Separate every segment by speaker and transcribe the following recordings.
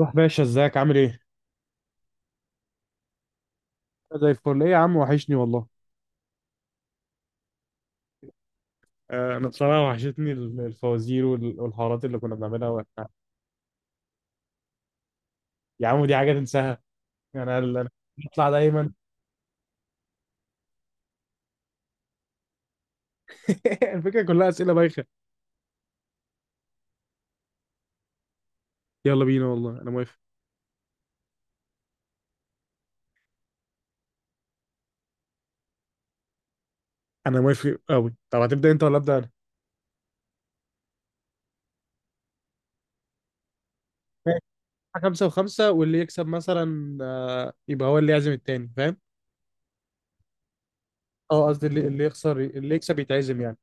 Speaker 1: روح باشا، ازيك؟ عامل ايه؟ زي الفل، ايه يا عم، وحشني والله. انا بصراحة وحشتني الفوازير والحوارات اللي كنا بنعملها واحنا. يا عم، دي حاجة تنساها. يعني انا بطلع دايما. الفكرة كلها اسئلة بايخة. يلا بينا، والله انا موافق. انا موافق قوي، طب هتبدأ انت ولا ابدأ انا؟ ماشي. خمسة وخمسة، واللي يكسب مثلا يبقى هو اللي يعزم التاني، فاهم؟ اه، قصدي اللي يخسر، اللي يكسب يتعزم يعني.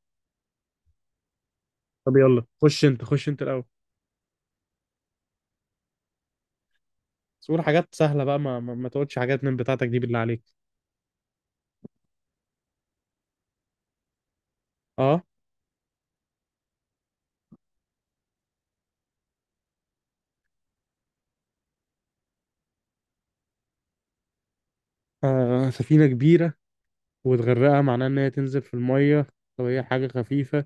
Speaker 1: طب يلا، خش انت الاول. بس قول حاجات سهلة بقى، ما تقولش حاجات من بتاعتك دي، بالله عليك. اه، سفينة كبيرة، وتغرقها معناه إن هي تنزل في المية. طب هي حاجة خفيفة.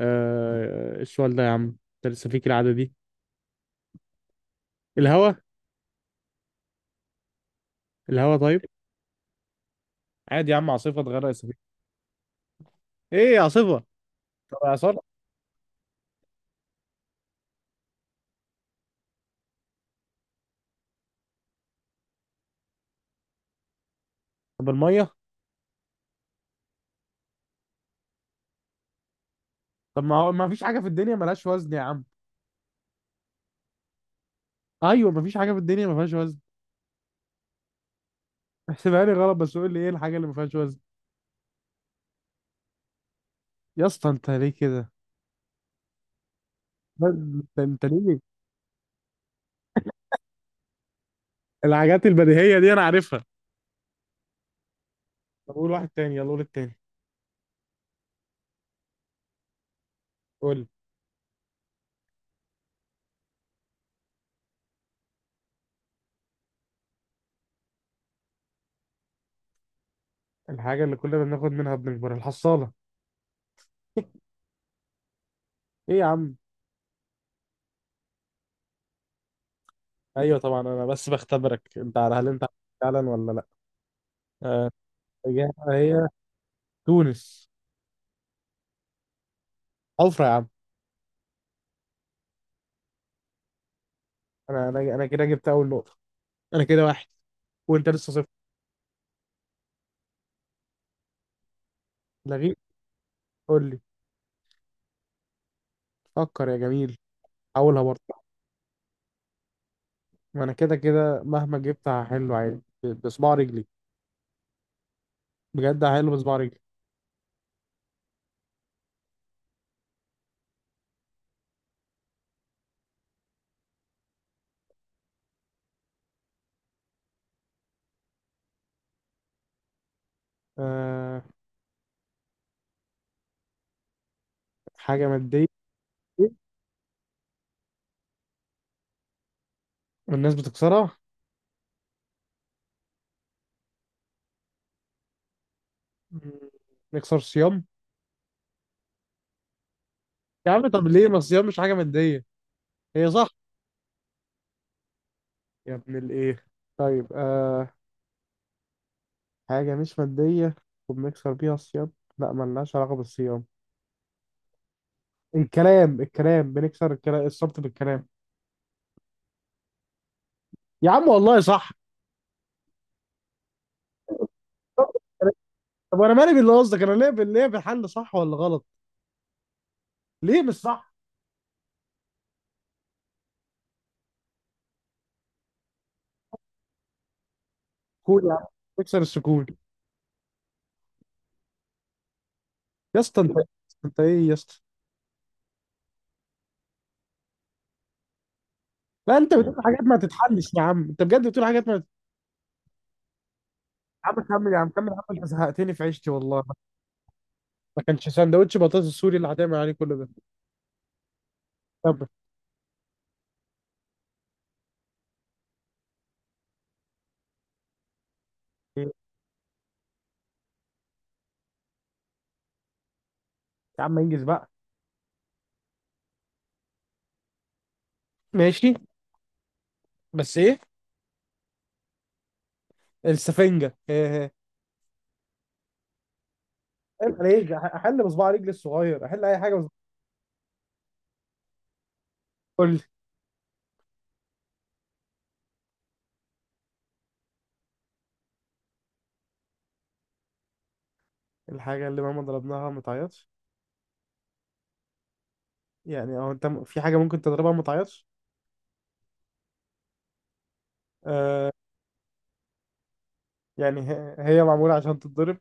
Speaker 1: آه. إيه السؤال ده يا عم؟ أنت لسه فيك العادة دي. الهوا. الهوا طيب. عادي يا عم، عاصفة تغرق السفينة. إيه، عاصفة. طب إعصار. طب المية. طب ما هو ما فيش حاجة في الدنيا ملهاش وزن يا عم. أيوة، ما فيش حاجة في الدنيا ما فيهاش وزن. احسبها لي غلط، بس قول لي إيه الحاجة اللي ما فيهاش وزن. يا اسطى، أنت ليه كده؟ لا، أنت ليه؟ الحاجات البديهية دي أنا عارفها. طب قول واحد تاني، يلا قول التاني. قول. الحاجة اللي كلنا بناخد منها بنكبر، الحصالة. ايه يا عم؟ ايوه طبعا، انا بس بختبرك انت، على هل انت فعلا ولا لا. آه، الإجابة هي تونس. حفرة يا عم. انا كده جبت اول نقطة. انا كده واحد، وانت لسه صفر. لغيت. قول لي. فكر يا جميل. حاولها برضه. ما انا كده كده مهما جبت هحله عادي بصباع رجلي. بجد هحله بصباع رجلي. أه، حاجة مادية، والناس بتكسرها. مم، نكسر صيام. يا عم، طب ليه؟ ما الصيام مش حاجة مادية؟ هي صح. يا ابن الايه. طيب حاجة مش مادية، وبنكسر بيها الصيام. لا، ملناش علاقة بالصيام. الكلام، بنكسر الكلام، الصمت بالكلام. يا عم والله صح. طب وانا مالي باللي قصدك؟ انا ليه بالحل صح ولا غلط. ليه مش صح؟ سكون يا عم، بكسر السكون. يا اسطى انت. انت ايه يا اسطى؟ لا، انت بتقول حاجات ما تتحلش يا عم، انت بجد بتقول حاجات ما تت- يا عم كمل، يا عم كمل، يا عم انت زهقتني في عيشتي والله. ما كانش سندوتش بطاطس السوري اللي هتعمل عليه كل ده. طب. إيه؟ يا عم انجز بقى. ماشي. بس ايه؟ السفنجة. عيب عليك، احل بصباع رجلي الصغير، احل اي حاجه بس. قول لي. الحاجه اللي مهما ضربناها ما تعيطش. يعني او انت في حاجه ممكن تضربها ما تعيطش؟ آه. يعني هي معموله عشان تتضرب،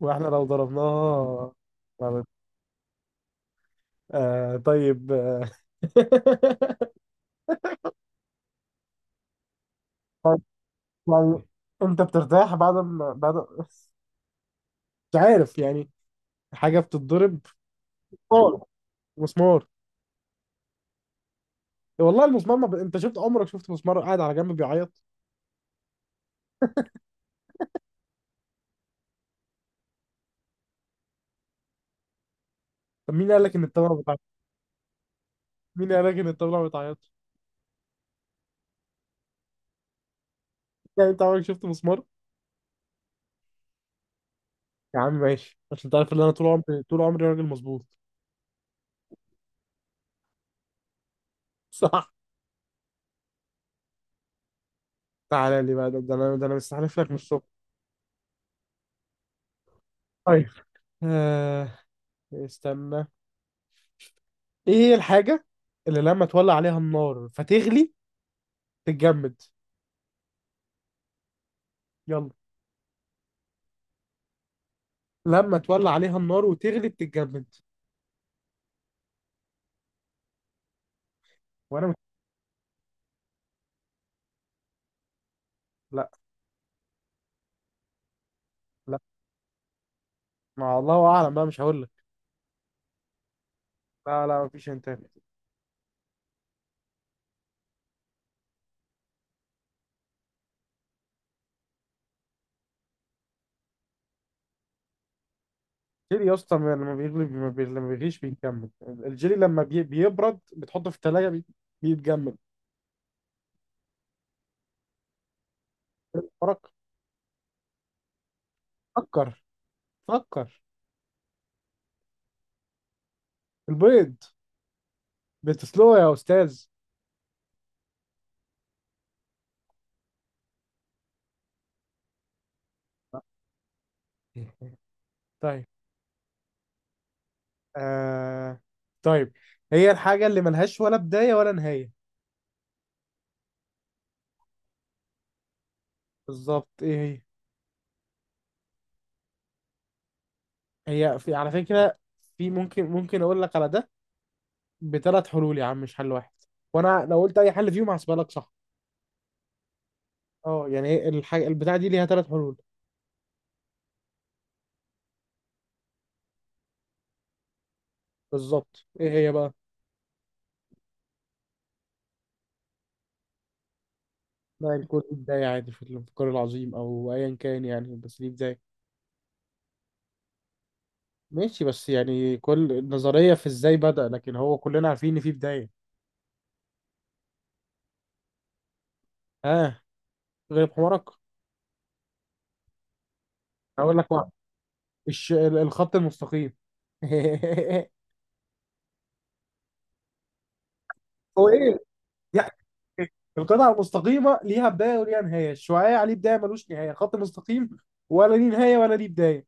Speaker 1: واحنا لو ضربناها ما بت- آه طيب، آه. يعني انت بترتاح بعد ما بعد. مش عارف يعني. حاجه بتتضرب. مسمار مسمار. والله المسمار ما ب... انت شفت؟ عمرك شفت مسمار قاعد على جنب بيعيط؟ طب مين قال لك ان الطبله بتعيط؟ مين قال لك ان الطبله بتعيط؟ يعني انت عمرك شفت مسمار؟ يا عم ماشي، عشان انت عارف ان انا طول عمري طول عمري راجل مظبوط. صح. تعالى لي بقى، ده انا مستحلف لك من الصبح. طيب. آه استنى. ايه هي الحاجة اللي لما تولع عليها النار فتغلي، تتجمد؟ يلا. لما تولع عليها النار وتغلي بتتجمد. وانا مش... لا. لا، ما الله اعلم بقى، مش هقول لك. لا لا، مفيش انت. الجيلي يا اسطى، لما بيغلي بي- ما بي... لما بيغليش بيتجمد. الجيلي لما بيبرد، بتحطه في التلاجة بيتجمد. فرق. فكر. فكر. البيض، بتسلقه يا أستاذ. طيب آه... طيب. هي الحاجة اللي ملهاش ولا بداية ولا نهاية. بالظبط، ايه هي؟ هي في على فكرة. في ممكن اقول لك على ده بثلاث حلول يا عم، مش حل واحد. وانا لو قلت اي حل فيهم هحسبها لك صح. اه، يعني هي الحاجة البتاعة دي ليها ثلاث حلول. بالظبط، ايه هي بقى؟ لا، الكون ليه بداية عادي، في الانفجار العظيم او ايا كان يعني، بس ليه بداية. ماشي، بس يعني كل النظرية في ازاي بدأ، لكن هو كلنا عارفين ان في بداية. ها. غير حمارك. هقول لك واحد. الخط المستقيم. هو ايه؟ يعني القطعة المستقيمة ليها بداية وليها نهاية، الشعاع ليه بداية ملوش نهاية، خط مستقيم ولا ليه نهاية ولا ليه بداية.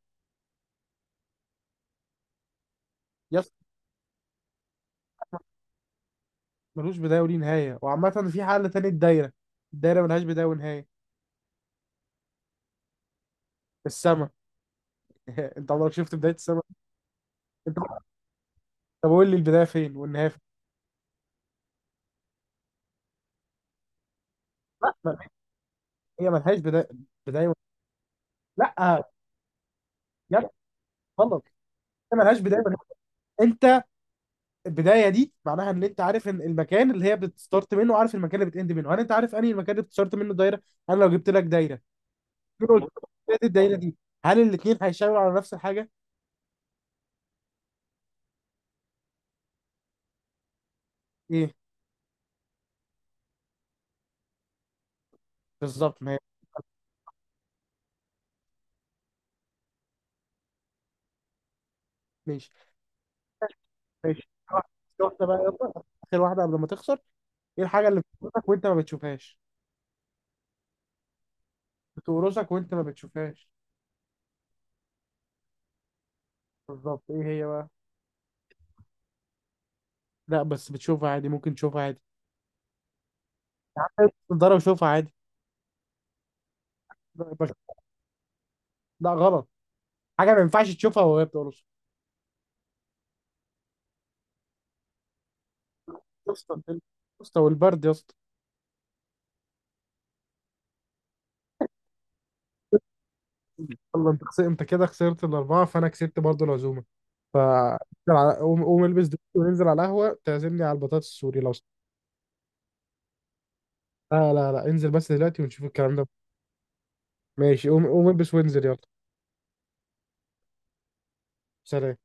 Speaker 1: يس. ملوش بداية وليه نهاية. وعامة في حل تاني، الدايرة. الدايرة ملهاش بداية ونهاية. السما. انت عمرك شفت بداية السما؟ انت. طب قول لي البداية فين والنهاية فين؟ لا. هي ملهاش بداية. بداية ون- لا. يا ابني غلط هي ملهاش بداية ونهاية. انت. البدايه دي معناها ان انت عارف ان المكان اللي هي بتستارت منه، وعارف المكان اللي بتاند منه. هل انت عارف انهي المكان اللي بتستارت منه دايره؟ انا لو جبت لك دايره، قلت لك الدايره دي، هل الاثنين هيشاوروا على نفس الحاجه؟ ايه؟ بالظبط، ما هي. ماشي. ماشي، آخر واحده بقى، يلا. اخر واحده قبل ما تخسر. ايه الحاجه اللي بتقرصك وانت ما بتشوفهاش؟ بتقرصك وانت ما بتشوفهاش. بالظبط، ايه هي بقى؟ لا، بس بتشوفها عادي، ممكن تشوفها عادي. يا عم البس نضاره وشوفها عادي. لا بش- لا، غلط. حاجه ما ينفعش تشوفها وهي بتقرصك. يا اسطى، يا اسطى، والبرد يا اسطى. يلا انت خسرت، انت كده خسرت الاربعه، فانا كسبت برضو العزومه. ف انزل قوم، قوم البس دلوقتي وننزل على القهوه، تعزمني على البطاطس السوري لو. لا لا لا، انزل بس دلوقتي ونشوف الكلام ده. ماشي، قوم قوم البس وانزل يلا. سلام.